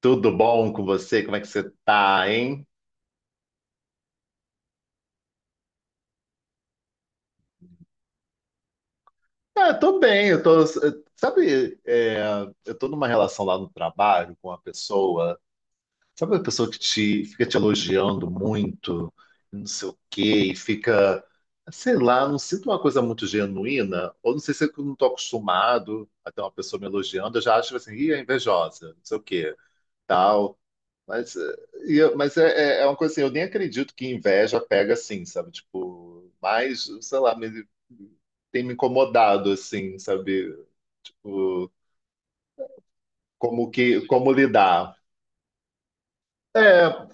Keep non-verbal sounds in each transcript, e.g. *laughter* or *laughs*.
Tudo bom com você? Como é que você tá, hein? Ah, eu tô bem, eu tô. Sabe, eu tô numa relação lá no trabalho com uma pessoa. Sabe, uma pessoa que te fica te elogiando muito, não sei o quê, e sei lá, não sinto uma coisa muito genuína, ou não sei se eu não tô acostumado a ter uma pessoa me elogiando, eu já acho tipo assim, ih, é invejosa, não sei o quê, tal. Mas, eh, mas é uma coisa assim, eu nem acredito que inveja pega assim, sabe? Tem me incomodado, assim, sabe? Tipo, como que, como lidar. É,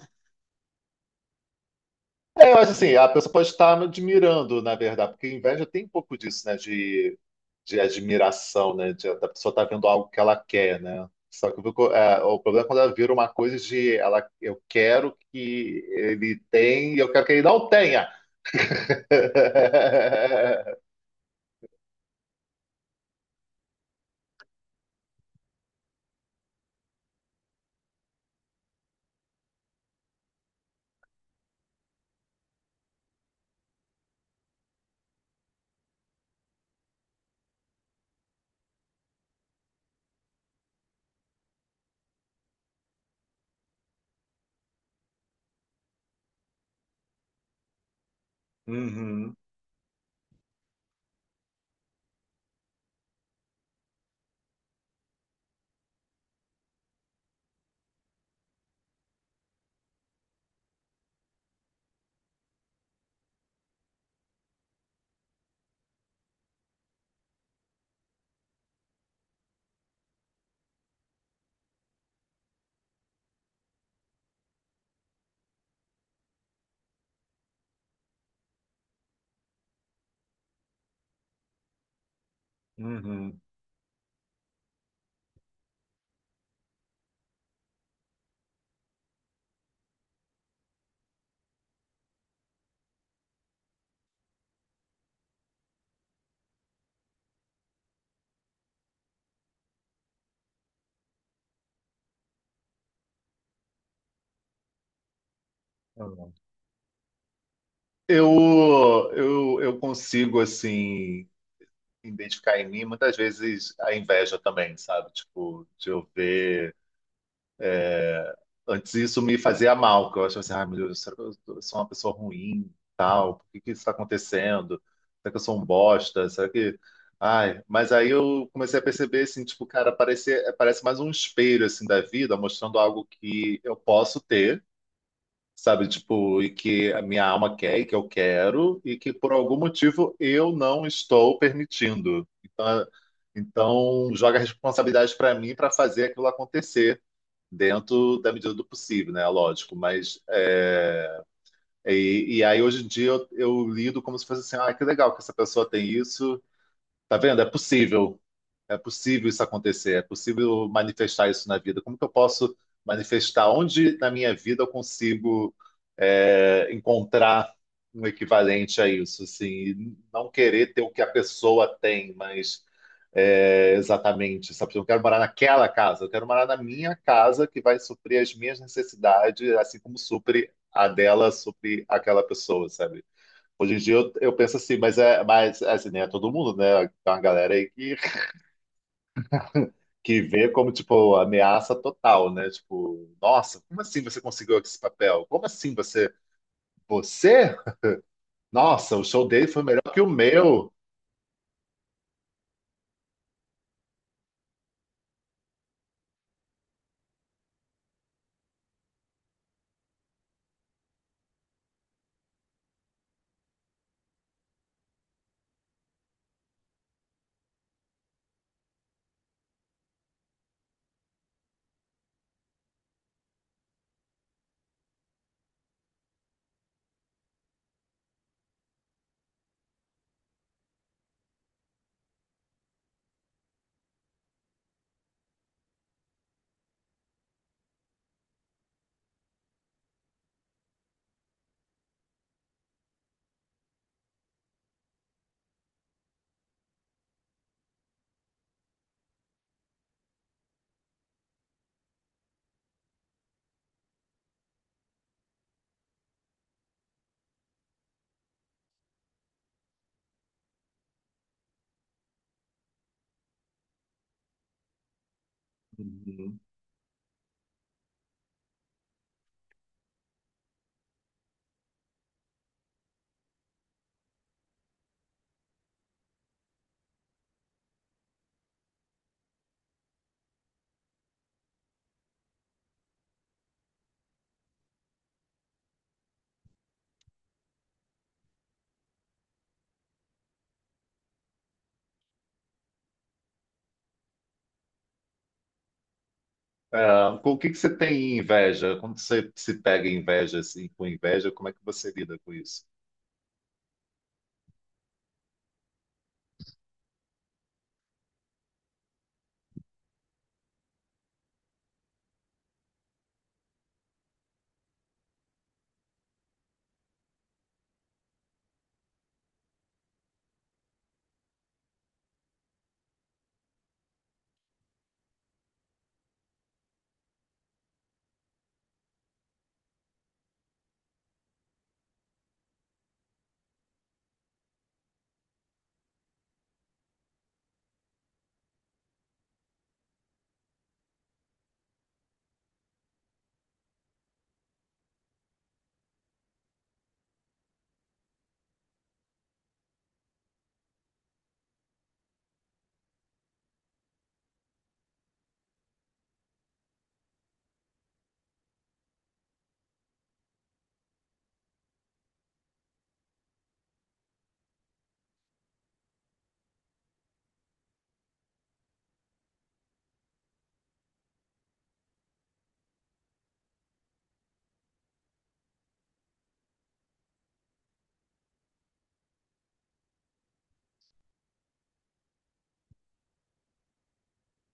eu acho assim, a pessoa pode estar me admirando, na verdade, porque inveja tem um pouco disso, né? De admiração, né? de- da pessoa estar vendo algo que ela quer, né? Só que, o problema é quando ela vira uma coisa de ela, eu quero que ele tenha, e eu quero que ele não tenha. *laughs* Uhum, uhum. Uhum. Eu consigo, assim, identificar em mim muitas vezes a inveja também, sabe? Tipo, de eu ver. Antes isso me fazia mal, que eu achava assim, ai meu Deus, será que eu sou uma pessoa ruim, tal? Por que que isso está acontecendo? Será que eu sou um bosta? Será que. Ai, mas aí eu comecei a perceber, assim, tipo, cara, parece mais um espelho, assim, da vida, mostrando algo que eu posso ter, sabe? Tipo, e que a minha alma quer e que eu quero e que por algum motivo eu não estou permitindo. Então joga a responsabilidade para mim para fazer aquilo acontecer dentro da medida do possível, né? Lógico, e aí hoje em dia eu lido como se fosse assim, ah, que legal que essa pessoa tem isso. Tá vendo? É possível. É possível isso acontecer. É possível manifestar isso na vida. Como que eu posso manifestar? Onde na minha vida eu consigo, encontrar um equivalente a isso? Assim, e não querer ter o que a pessoa tem, mas é, exatamente. Sabe? Eu quero morar naquela casa. Eu quero morar na minha casa que vai suprir as minhas necessidades, assim como supre a dela, supre aquela pessoa, sabe? Hoje em dia eu penso assim, mas é assim, nem é todo mundo, né? Tem uma galera aí que vê como, tipo, ameaça total, né? Tipo, nossa, como assim você conseguiu esse papel? Como assim você. Você? Nossa, o show dele foi melhor que o meu. Uhum. Ah, com o que que você tem inveja? Quando você se pega em inveja, assim, com inveja, como é que você lida com isso?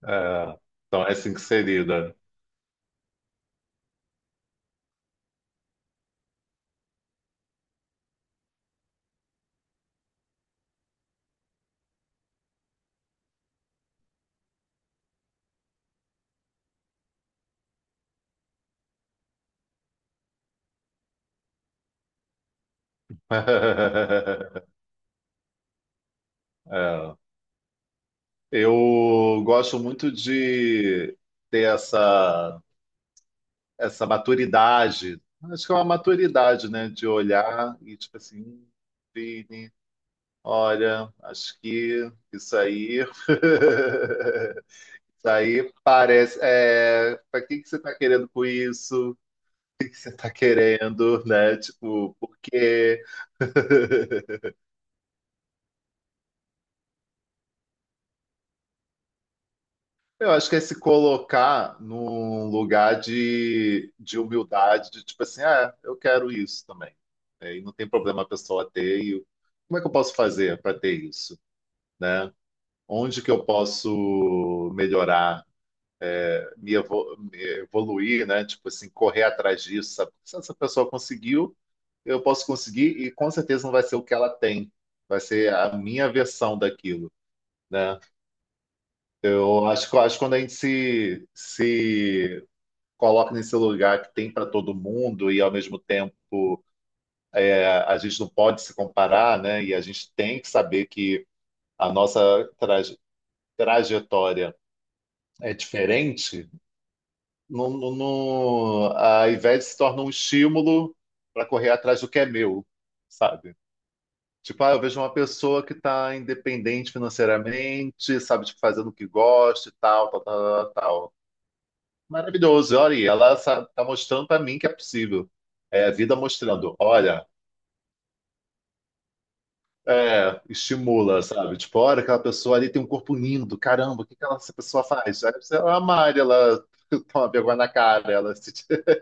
Ah, então é assim que você lida. *laughs* É. Eu gosto muito de ter essa essa maturidade. Acho que é uma maturidade, né? De olhar e tipo assim, Vini, olha, acho que isso aí. *laughs* Isso aí parece. É, para que que você está querendo com isso? O que que você está querendo, né? Tipo, por quê? *laughs* Eu acho que é se colocar num lugar de humildade, de tipo assim, ah, eu quero isso também. É, e não tem problema a pessoa ter. Como é que eu posso fazer para ter isso, né? Onde que eu posso melhorar, me evoluir, né? Tipo assim, correr atrás disso, sabe? Se essa pessoa conseguiu, eu posso conseguir e com certeza não vai ser o que ela tem. Vai ser a minha versão daquilo, né? Eu acho que quando a gente se coloca nesse lugar que tem para todo mundo e ao mesmo tempo a gente não pode se comparar, né? E a gente tem que saber que a nossa traje- trajetória é diferente. A Ivete se torna um estímulo para correr atrás do que é meu, sabe? Tipo, ah, eu vejo uma pessoa que está independente financeiramente, sabe, tipo, fazendo o que gosta e tal, tal, tal, tal. Maravilhoso, olha aí, ela está mostrando para mim que é possível. É a vida mostrando, olha, é, estimula, sabe? Tipo, olha aquela pessoa ali tem um corpo lindo, caramba, o que que ela, essa pessoa faz? Aí você, ela malha, ela *laughs* toma vergonha na cara, ela se... *laughs*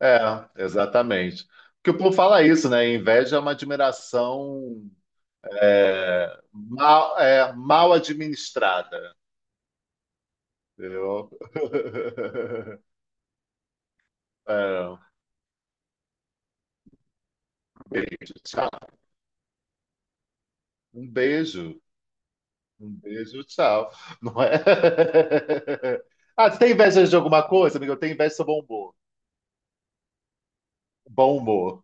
É, exatamente. Porque o povo fala isso, né? Inveja é uma admiração mal, mal administrada. Entendeu? *laughs* É, um beijo, tchau. Um beijo, um beijo, tchau. Não é? *laughs* Ah, você tem inveja de alguma coisa, amigo? Eu tenho inveja do seu bombom. Bom humor.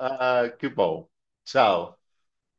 Ah, que bom. Tchau.